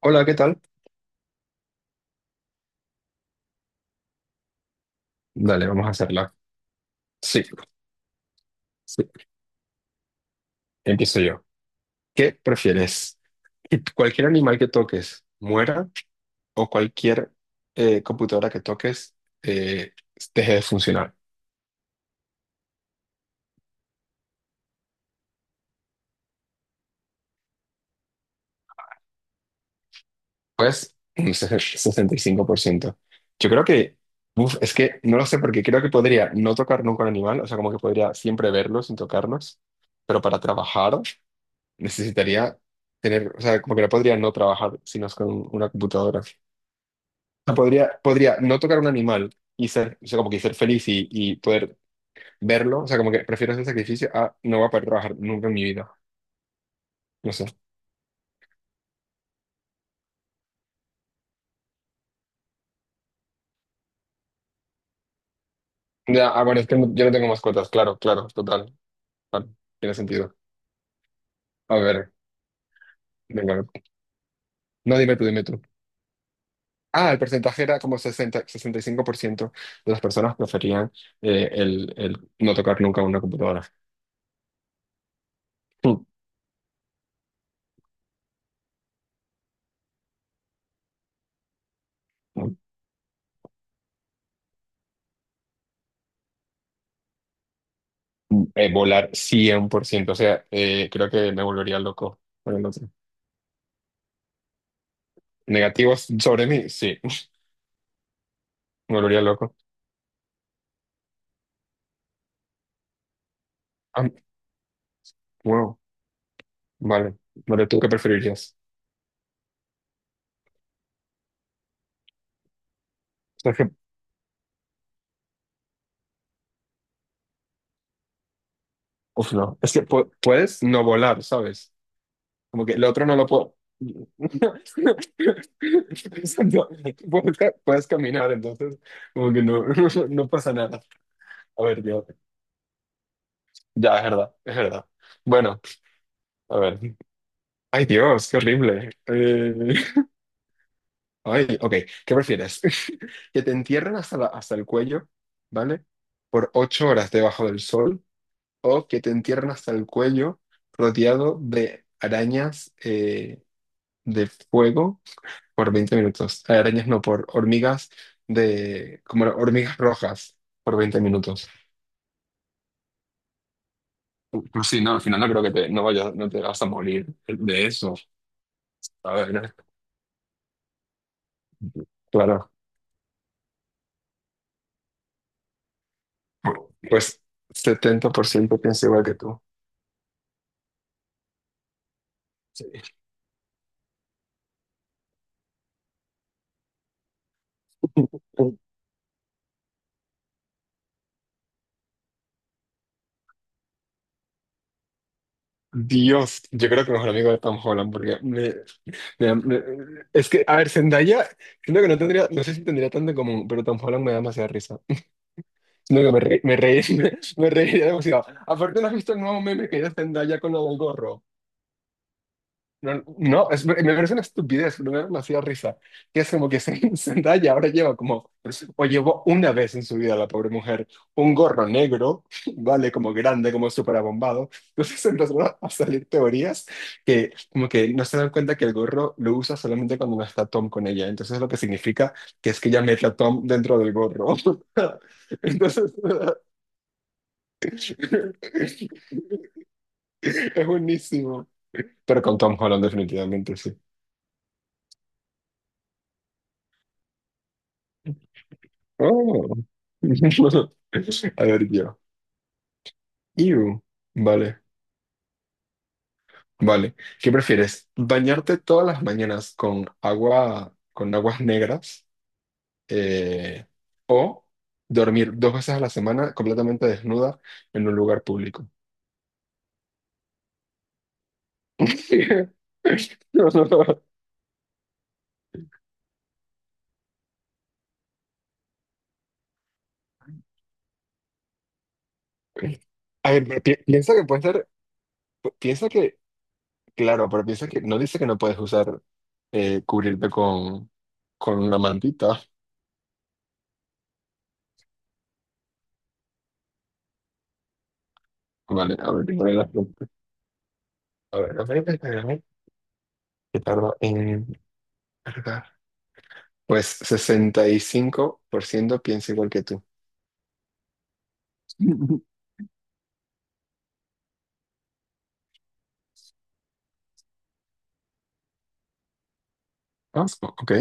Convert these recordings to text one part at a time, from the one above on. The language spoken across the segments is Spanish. Hola, ¿qué tal? Dale, vamos a hacerla. Sí, sí, empiezo yo. ¿Qué prefieres? ¿Que cualquier animal que toques muera o cualquier computadora que toques eh, deje de funcionar? Pues un 65%. Yo creo que, es que no lo sé porque creo que podría no tocar nunca un animal, o sea, como que podría siempre verlo sin tocarlos, pero para trabajar necesitaría tener, o sea, como que no podría no trabajar si no es con una computadora. Sea, podría no tocar un animal y ser, o sea, como que ser feliz y poder verlo. O sea, como que prefiero ese sacrificio a no voy a poder trabajar nunca en mi vida. No sé. Ya, ah, bueno, es que yo no tengo mascotas. Claro, claro, total. Vale, tiene sentido. A ver, venga. No, dime tú. Ah, el porcentaje era como 60 65% de las personas preferían el no tocar nunca una computadora. Mm, mm, volar 100%. O sea, creo que me volvería loco con el otro. ¿Negativos sobre mí? Sí. Me volvería loco. Ah, wow, vale. Vale, ¿tú qué preferirías? O sea, que, no. Es que puedes no volar, ¿sabes? Como que el otro no lo puedo. Estoy pensando, puedes, puedes caminar, entonces, como que no, no pasa nada. A ver, Dios. Ya, es verdad, es verdad. Bueno, a ver. Ay, Dios, qué horrible. Ay, ok, ¿qué prefieres? ¿Que te entierren hasta hasta el cuello, ¿vale? Por 8 horas debajo del sol o que te entierren hasta el cuello rodeado de arañas de fuego por 20 minutos. Arañas no, por hormigas de, como hormigas rojas por 20 minutos. Pues sí, no, al final no creo que te, no te vas a morir de eso. A ver, claro. Pues 70% piensa igual que tú. Sí. Dios, yo creo que mejor amigo de Tom Holland, porque me, Me me- Es que, a ver, Zendaya, siento que no tendría, no sé si tendría tanto en común, pero Tom Holland me da demasiada risa. No, que me reí, me, reiría demasiado. Aparte, ¿no has visto el nuevo meme que es de Zendaya con lo del gorro? No, no, me parece una estupidez, primero me hacía risa, que es como que se, Zendaya ahora lleva como, o llevó una vez en su vida la pobre mujer, un gorro negro, vale, como grande, como súper abombado, entonces empezaron a salir teorías que como que no se dan cuenta que el gorro lo usa solamente cuando no está Tom con ella, entonces lo que significa que es que ella mete a Tom dentro del gorro, entonces es buenísimo, pero con Tom Holland definitivamente sí. Oh. A ver, yo. Iu. Vale, vale. ¿Qué prefieres? ¿Bañarte todas las mañanas con agua, con aguas negras? eh, o dormir dos veces a la semana completamente desnuda en un lugar público. No, no, no. A ver, pero piensa que puede ser, pi- piensa que, claro, pero piensa que no dice que no puedes usar, cubrirte con una mantita. Vale, a ver, tengo las preguntas. A ver, a ver, a a ver, qué tardo. ¿Verdad? Pues 65% piensa igual que tú. Ah, sí, ok.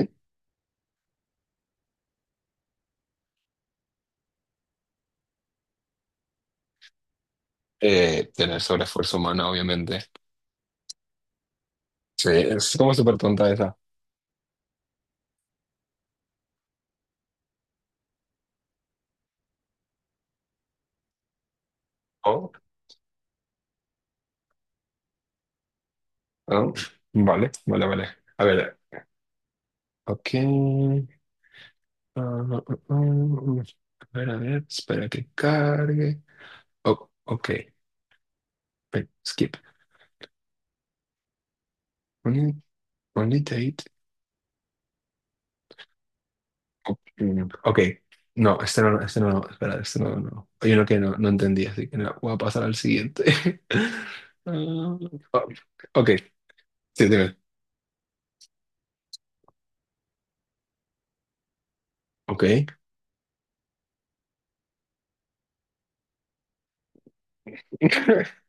Tener sobreesfuerzo humano, obviamente. Sí, es como súper tonta esa. Oh, oh, vale, vale, vale. A ver, ok. Ah, ah, ah, ah. ah. A ver, a ver, espera que cargue. Oh, ok. Ven, skip. Only, only date. Mm, ok, no, este no, espera, este no, no. Hay uno que no, no entendí, así que no, voy a pasar al siguiente. Ah, ok, sí, dime. Ok.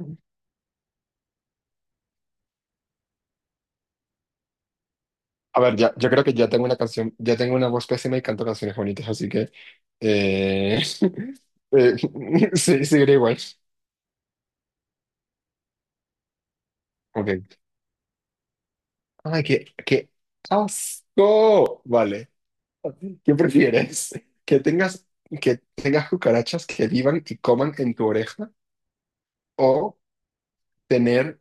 A ver, ya, yo creo que ya tengo una canción, ya tengo una voz pésima y canto canciones bonitas, así que eh, eh, sí, seguiré igual. Ok. Ay, qué asco. Vale. ¿Qué prefieres? ¿Que tengas, que tengas cucarachas que vivan y coman en tu oreja? O tener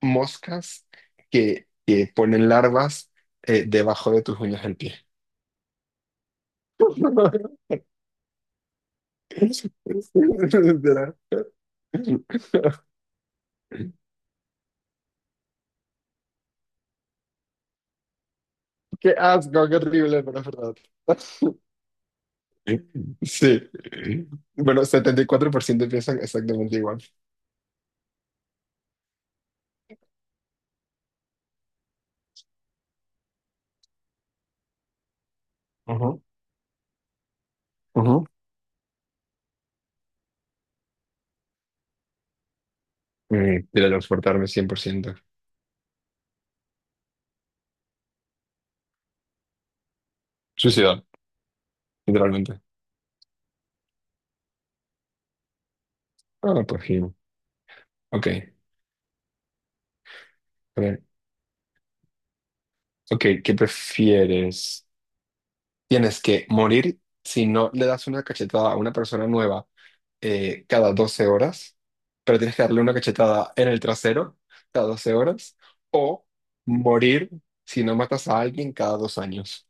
moscas que ponen larvas debajo de tus uñas del pie. Literal. Qué asco, qué horrible, pero es verdad. Sí. Bueno, 74% piensan exactamente igual. Ajá, ajá. Teletransportarme 100%. Suicidar, literalmente. Ah, pues sí. Ok. A ver. Ok, ¿qué prefieres? Tienes que morir si no le das una cachetada a una persona nueva cada 12 horas, pero tienes que darle una cachetada en el trasero cada 12 horas, o morir si no matas a alguien cada 2 años.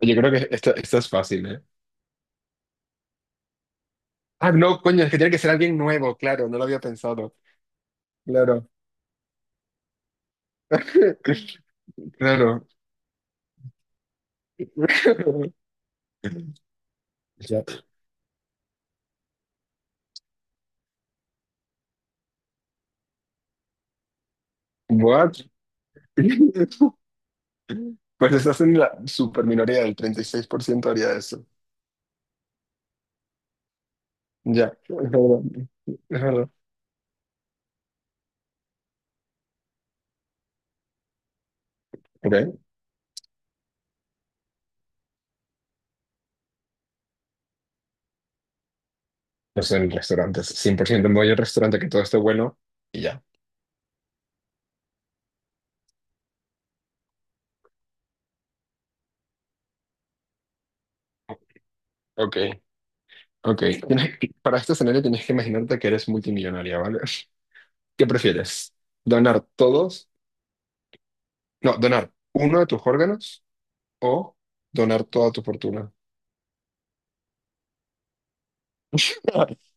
Yo creo que esto es fácil, ¿eh? Ah, no, coño, es que tiene que ser alguien nuevo, claro, no lo había pensado. Claro. Claro. Ya. What? Pues estás en la super minoría del 36% haría eso. Ya, es verdad. Es verdad. Ok. Pues en restaurantes, 100% me voy al restaurante que todo esté bueno y ya. Ok, ok. Tienes que- para este escenario tienes que imaginarte que eres multimillonaria, ¿vale? ¿Qué prefieres? ¿Donar todos? No, donar uno de tus órganos o donar toda tu fortuna.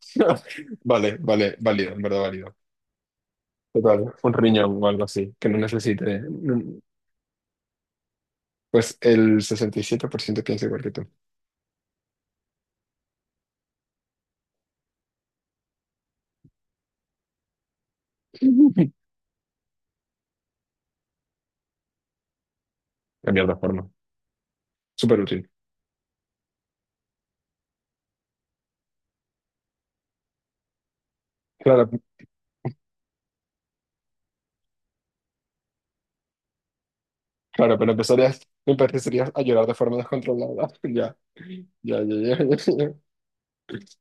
Vale, vale, válido, en verdad válido. Total, un riñón o algo así, que no necesite. No, pues el 67% piensa igual que tú. Cambiar de forma. Súper útil. Claro, claro, pero empezarías a llorar de forma descontrolada. Ya, ya.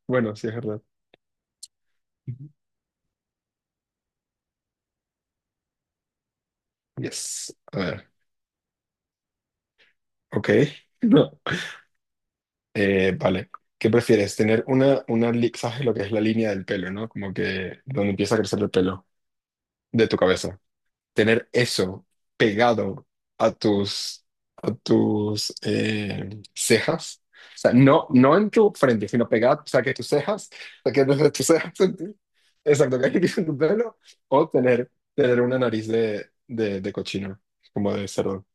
Bueno, sí, es verdad. Yes. A ver, ok. No. Vale. ¿Qué prefieres? Tener ¿sabes lo que es la línea del pelo, no? Como que donde empieza a crecer el pelo de tu cabeza. Tener eso pegado a tus, a tus cejas. O sea, no, no en tu frente, sino pegado, o sea, que tus cejas, o sea, que desde tus cejas, exacto, que aquí en tu pelo, o tener una nariz de cochino, como de cerdo.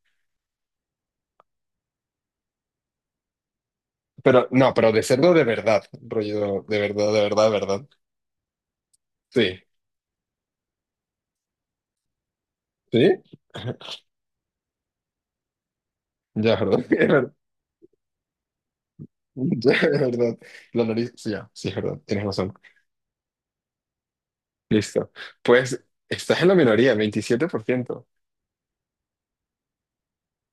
Pero no, pero de cerdo de verdad, rollo de verdad, de verdad, de verdad. Sí, sí, ya, ¿verdad? Ya, es verdad. La nariz, sí, ya, sí, es verdad, tienes razón. Listo. Pues estás en la minoría, 27%.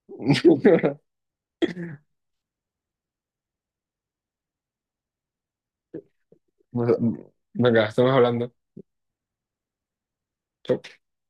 Venga, estamos hablando. Chau.